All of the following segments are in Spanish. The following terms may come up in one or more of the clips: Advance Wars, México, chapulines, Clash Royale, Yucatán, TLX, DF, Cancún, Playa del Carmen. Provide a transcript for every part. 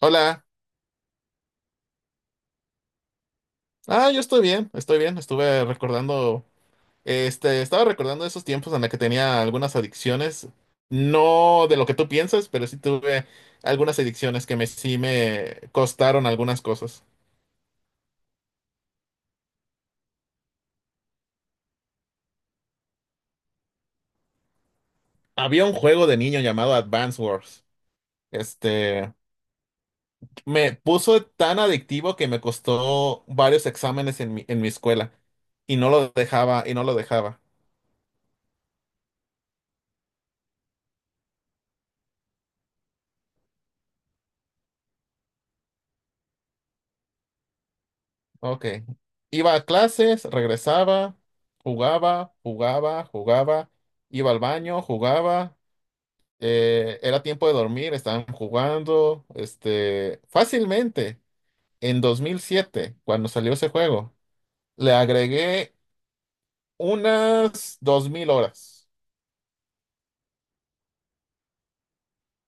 Hola. Ah, yo estoy bien, estoy bien. Estaba recordando esos tiempos en los que tenía algunas adicciones. No de lo que tú piensas, pero sí tuve algunas adicciones que me sí me costaron algunas cosas. Había un juego de niño llamado Advance Wars. Este, Me puso tan adictivo que me costó varios exámenes en mi escuela y no lo dejaba y no lo dejaba. Ok. Iba a clases, regresaba, jugaba, jugaba, jugaba, iba al baño, jugaba, era tiempo de dormir, estaban jugando, fácilmente, en 2007, cuando salió ese juego, le agregué unas 2000 horas.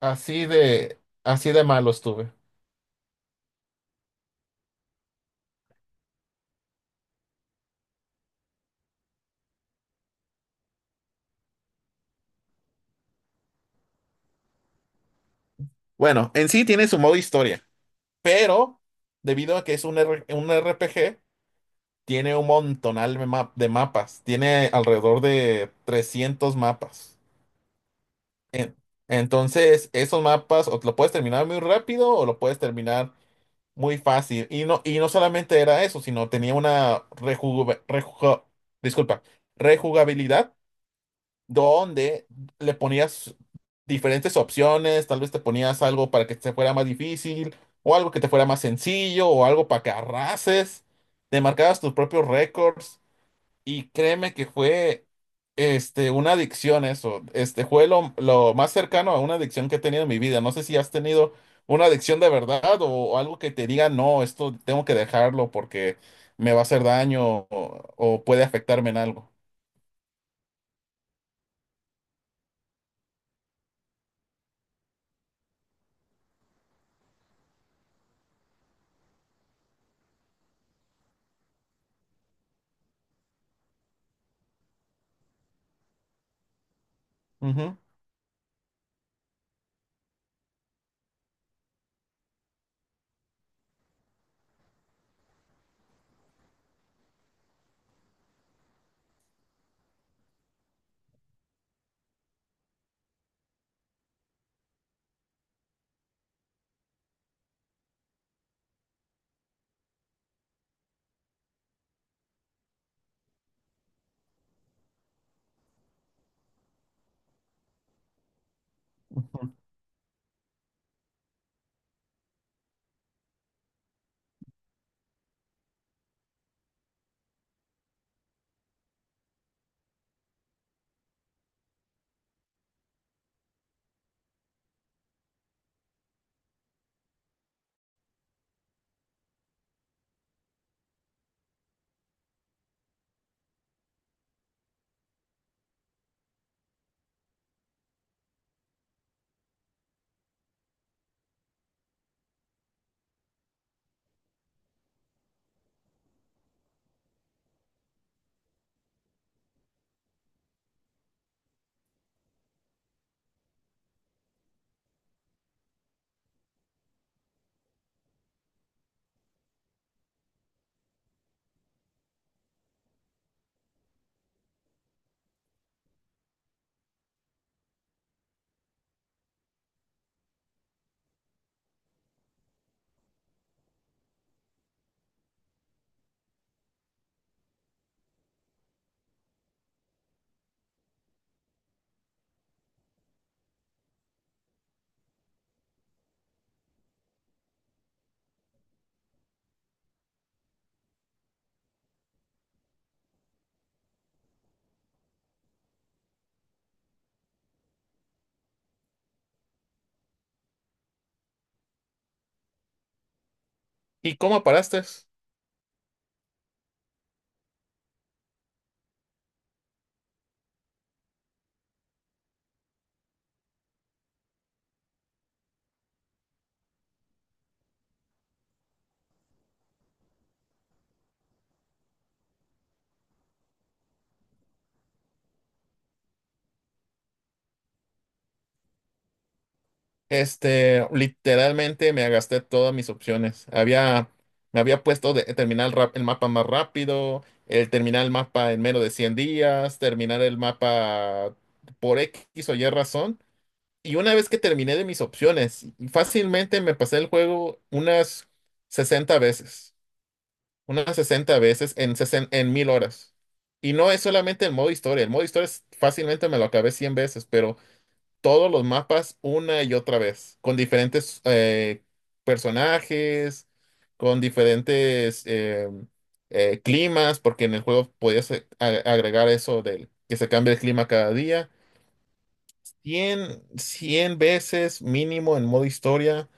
Así de malo estuve. Bueno, en sí tiene su modo historia, pero debido a que es un RPG, tiene un montonal de mapas. Tiene alrededor de 300 mapas. En- Entonces, esos mapas o te lo puedes terminar muy rápido o lo puedes terminar muy fácil. Y no solamente era eso, sino tenía una disculpa, rejugabilidad donde le ponías diferentes opciones. Tal vez te ponías algo para que te fuera más difícil o algo que te fuera más sencillo o algo para que arrases. Te marcabas tus propios récords. Y créeme que fue una adicción eso. Este fue lo más cercano a una adicción que he tenido en mi vida. No sé si has tenido una adicción de verdad o algo que te diga, no, esto tengo que dejarlo porque me va a hacer daño o puede afectarme en algo. Ujú, ujú. ¿Y cómo paraste? Literalmente me gasté todas mis opciones. Me había puesto de terminar el mapa más rápido, el terminar el mapa en menos de 100 días, terminar el mapa por X o Y razón. Y una vez que terminé de mis opciones, fácilmente me pasé el juego unas 60 veces, unas 60 veces en 1000 horas. Y no es solamente el modo historia, fácilmente me lo acabé 100 veces, pero todos los mapas una y otra vez, con diferentes personajes, con diferentes climas, porque en el juego podías agregar eso del que se cambia el clima cada día. Cien veces mínimo en modo historia,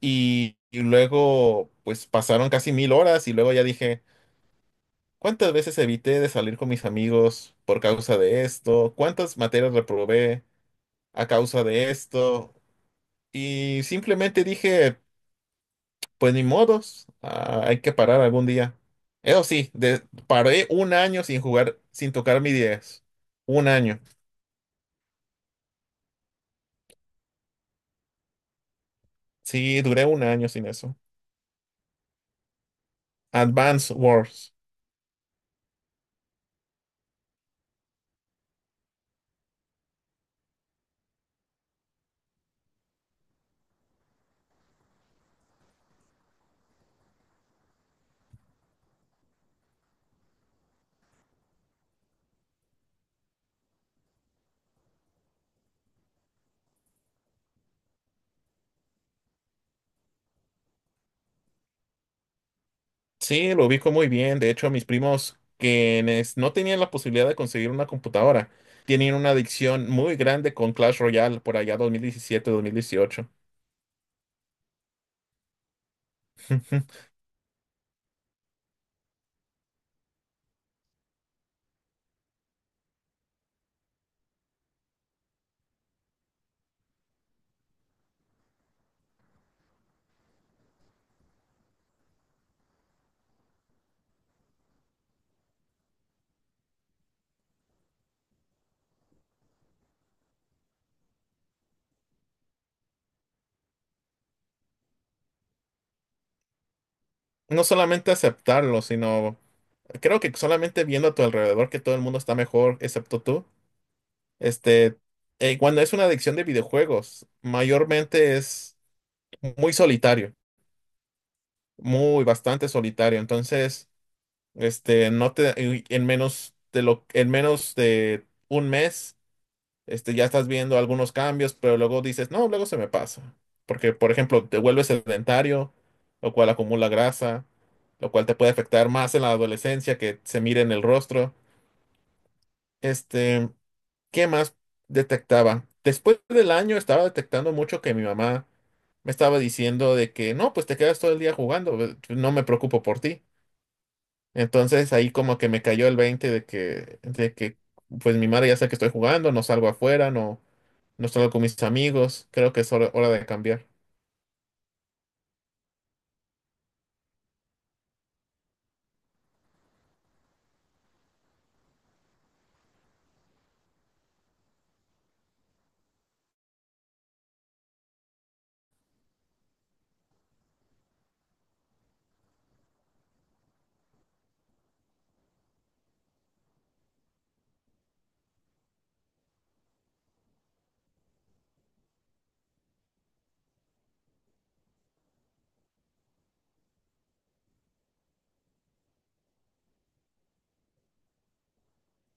y luego pues pasaron casi 1000 horas y luego ya dije, ¿cuántas veces evité de salir con mis amigos por causa de esto? ¿Cuántas materias reprobé a causa de esto? Y simplemente dije, pues ni modos, ah, hay que parar algún día. Eso sí, paré un año sin jugar, sin tocar mi diez. Un año. Sí, duré un año sin eso. Advance Wars. Sí, lo ubico muy bien. De hecho, mis primos quienes no tenían la posibilidad de conseguir una computadora, tenían una adicción muy grande con Clash Royale por allá dos mil diecisiete, mil dieciocho. No solamente aceptarlo, sino creo que solamente viendo a tu alrededor que todo el mundo está mejor, excepto tú. Este, Cuando es una adicción de videojuegos, mayormente es muy solitario, muy bastante solitario. Entonces, este, no te, y en menos de lo, en menos de un mes, ya estás viendo algunos cambios, pero luego dices, no, luego se me pasa. Porque, por ejemplo, te vuelves sedentario, lo cual acumula grasa, lo cual te puede afectar más en la adolescencia que se mire en el rostro. Este. ¿Qué más detectaba? Después del año estaba detectando mucho que mi mamá me estaba diciendo de que no, pues te quedas todo el día jugando, no me preocupo por ti. Entonces ahí como que me cayó el 20 de que pues mi madre ya sabe que estoy jugando, no salgo afuera, no salgo con mis amigos, creo que es hora, hora de cambiar.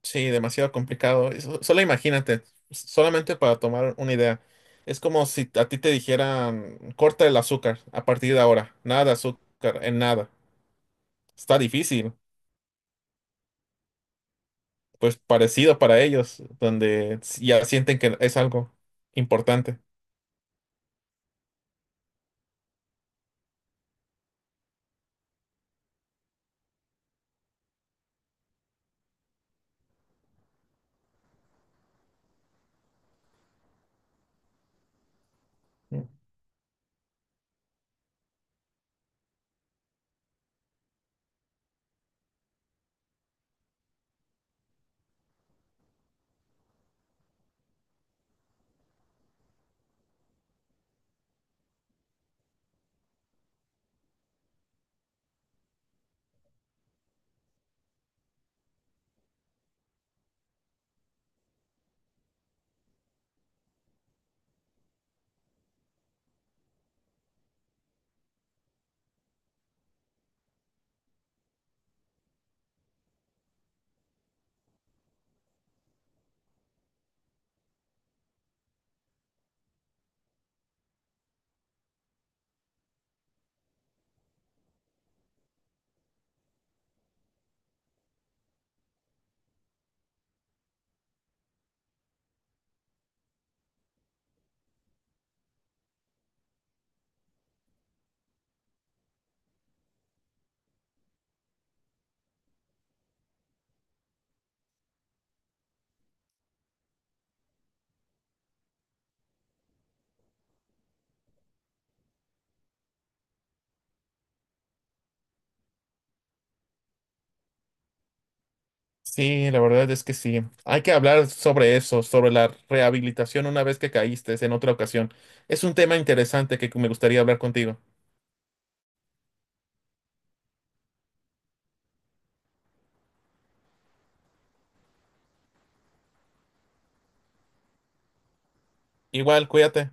Sí, demasiado complicado. Solo imagínate, solamente para tomar una idea. Es como si a ti te dijeran, corta el azúcar a partir de ahora, nada de azúcar, en nada. Está difícil, pues parecido para ellos, donde ya sienten que es algo importante. Sí, la verdad es que sí. Hay que hablar sobre eso, sobre la rehabilitación una vez que caíste en otra ocasión. Es un tema interesante que me gustaría hablar contigo. Igual, cuídate.